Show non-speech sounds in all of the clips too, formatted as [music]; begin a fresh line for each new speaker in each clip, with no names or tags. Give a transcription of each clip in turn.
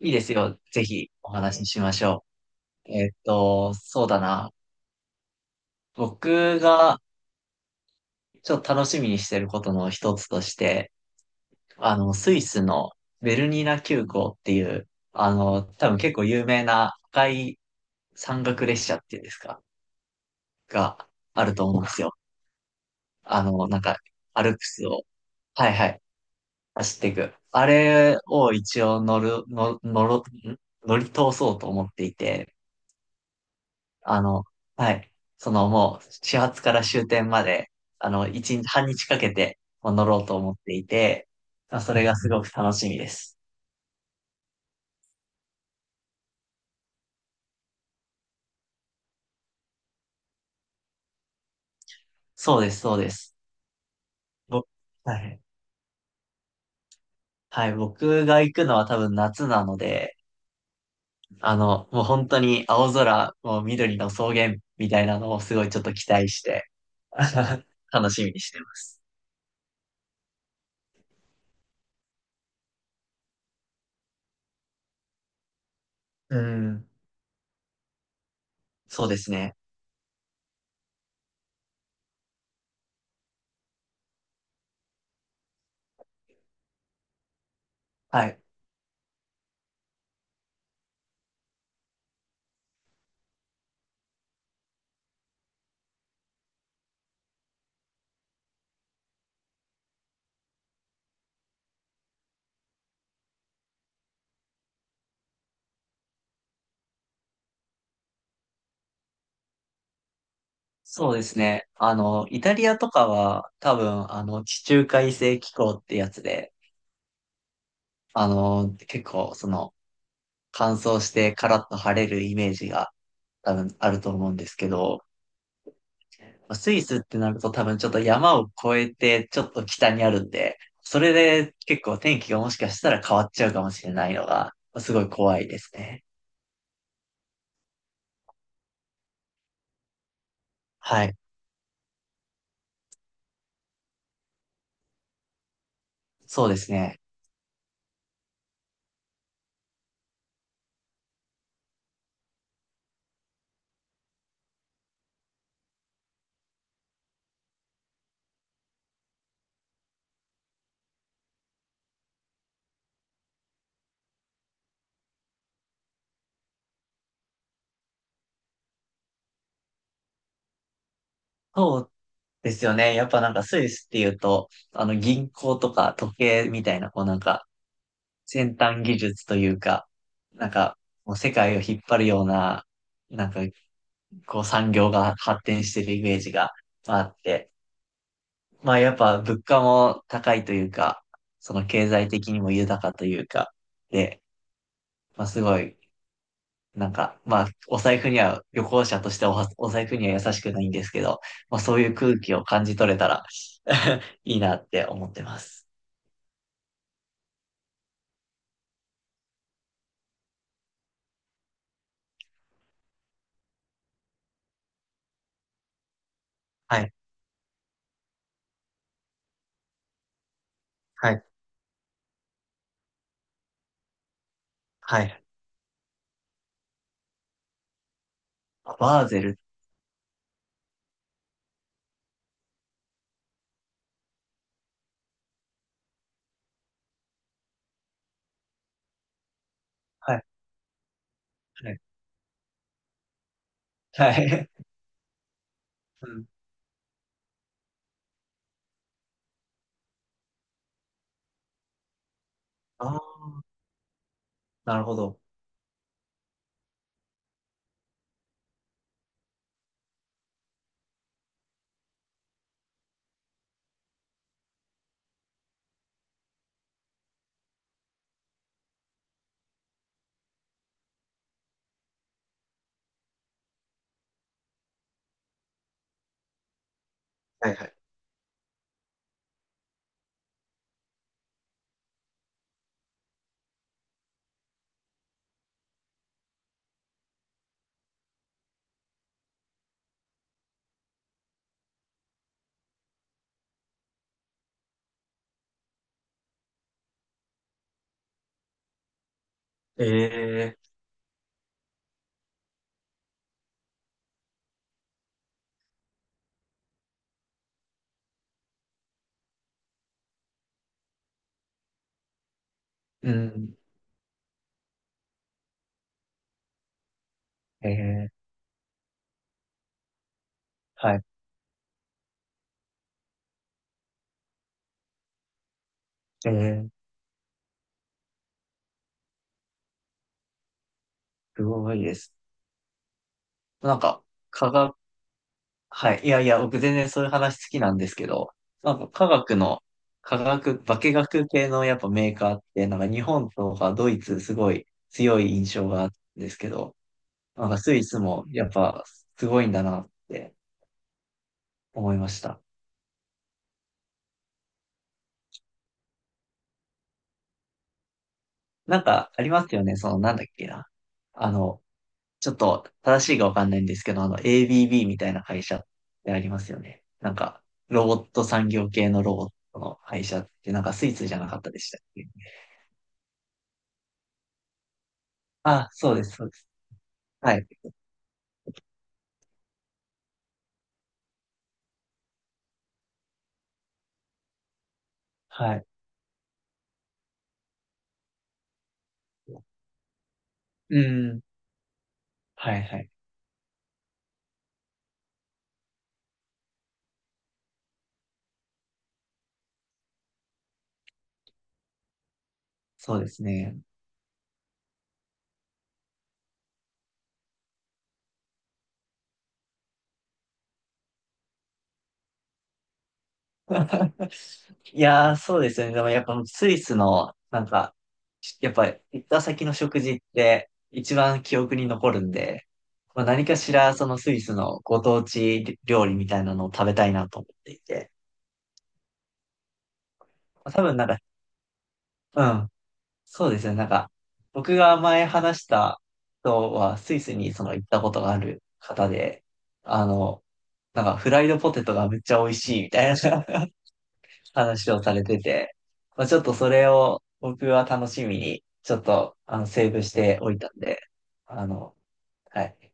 いいですよ。ぜひお話ししましょう。そうだな。僕がちょっと楽しみにしてることの一つとして、スイスのベルニナ急行っていう、多分結構有名な赤い山岳列車っていうんですか、があると思うんですよ。あの、なんか、アルプスを、はいはい、走っていく。あれを一応乗る、の、乗ろ、ん乗り通そうと思っていて、あの、はい。そのもう、始発から終点まで、一日、半日かけて、乗ろうと思っていて、まあそれがすごく楽しみです。そうです、そうです。僕、はい。はい、僕が行くのは多分夏なので、もう本当に青空、もう緑の草原みたいなのをすごいちょっと期待して、[laughs] 楽しみにしてます。うん、そうですね。はい。そうですね。イタリアとかは多分、地中海性気候ってやつで、結構、乾燥してカラッと晴れるイメージが多分あると思うんですけど、スイスってなると多分ちょっと山を越えてちょっと北にあるんで、それで結構天気がもしかしたら変わっちゃうかもしれないのが、すごい怖いですね。はい。そうですね。そうですよね。やっぱなんかスイスっていうと、あの銀行とか時計みたいな、こうなんか、先端技術というか、なんか、もう世界を引っ張るような、なんか、こう産業が発展してるイメージがあって、まあやっぱ物価も高いというか、その経済的にも豊かというか、で、まあすごい、なんか、まあお財布には、旅行者としてはおお財布には優しくないんですけど、まあそういう空気を感じ取れたら [laughs] いいなって思ってます。はい、はい、はい。バーゼル。はい、はい、はい。うん、ああ、なるほど。はいはい。ええ、うん。ええ、はい。ええ、すごいです。なんか、科学、はい。いやいや、僕全然そういう話好きなんですけど、なんか科学の、科学、化学系のやっぱメーカーって、なんか日本とかドイツすごい強い印象があるんですけど、なんかスイスもやっぱすごいんだなって思いました。なんかありますよね、そのなんだっけな。あの、ちょっと正しいかわかんないんですけど、あの ABB みたいな会社ってありますよね。なんか、ロボット産業系のロボットの会社って、なんかスイスじゃなかったでしたっけ？あ、そうです、そうです。はい。はい。うん。はいはい。そうですね。[laughs] いやー、そうですよね。でもやっぱスイスの、なんか、やっぱ行った先の食事って一番記憶に残るんで、まあ、何かしらそのスイスのご当地料理みたいなのを食べたいなと思っていて。多分なんか、うん、そうですね。なんか、僕が前話した人は、スイスにその行ったことがある方で、あの、なんかフライドポテトがめっちゃ美味しいみたいな [laughs] 話をされてて、まあ、ちょっとそれを僕は楽しみに、ちょっと、セーブしておいたんで、あの、はい、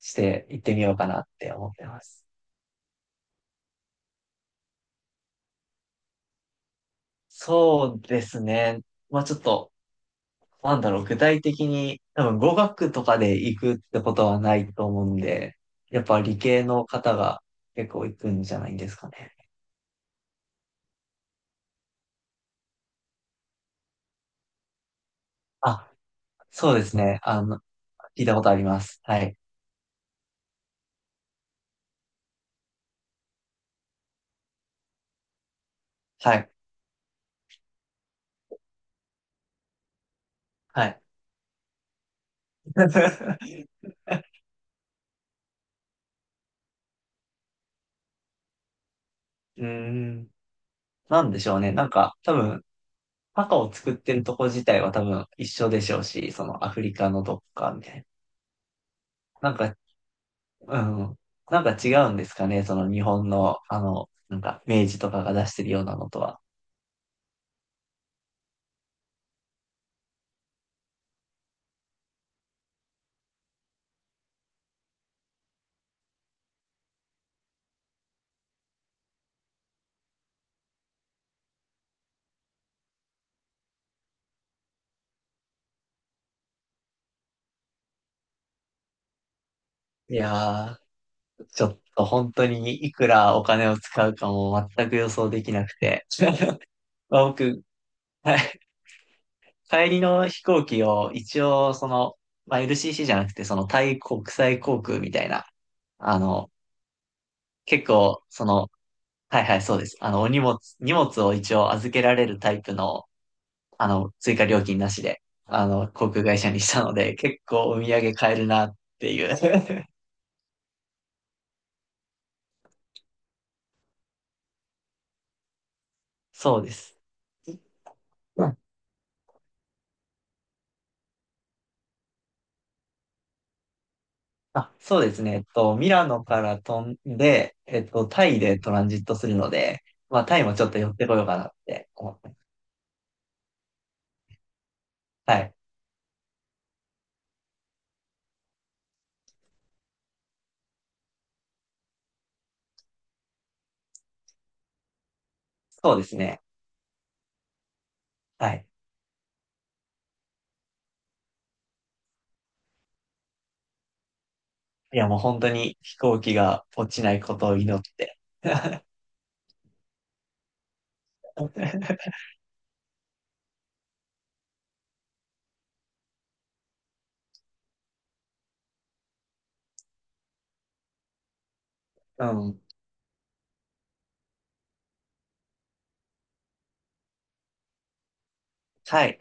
して行ってみようかなって思ってます。そうですね。まあちょっと、なんだろう、具体的に、多分語学とかで行くってことはないと思うんで、やっぱ理系の方が結構行くんじゃないんですかね。あ、そうですね。聞いたことあります。はい。はい。はい。[laughs] うーん。なんでしょうね。なんか、多分、パカを作ってるとこ自体は多分一緒でしょうし、そのアフリカのどっかみたいな。なんか、うん。なんか違うんですかね。その日本の、なんか、明治とかが出してるようなのとは。いやー、ちょっと本当にいくらお金を使うかも全く予想できなくて。[laughs] まあ僕、はい、帰りの飛行機を一応その、まあ、LCC じゃなくてそのタイ国際航空みたいな、あの、結構その、はいはい、そうです。お荷物、荷物を一応預けられるタイプの、追加料金なしで、航空会社にしたので、結構お土産買えるなっていう。[laughs] そうです。あ、そうですね。ミラノから飛んで、タイでトランジットするので、まあ、タイもちょっと寄ってこようかなって思って。はい。そうですね。はい。いや、もう本当に飛行機が落ちないことを祈って。[laughs] うん。はい。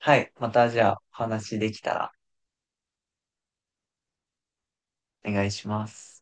はい。またじゃあ、お話できたらお願いします。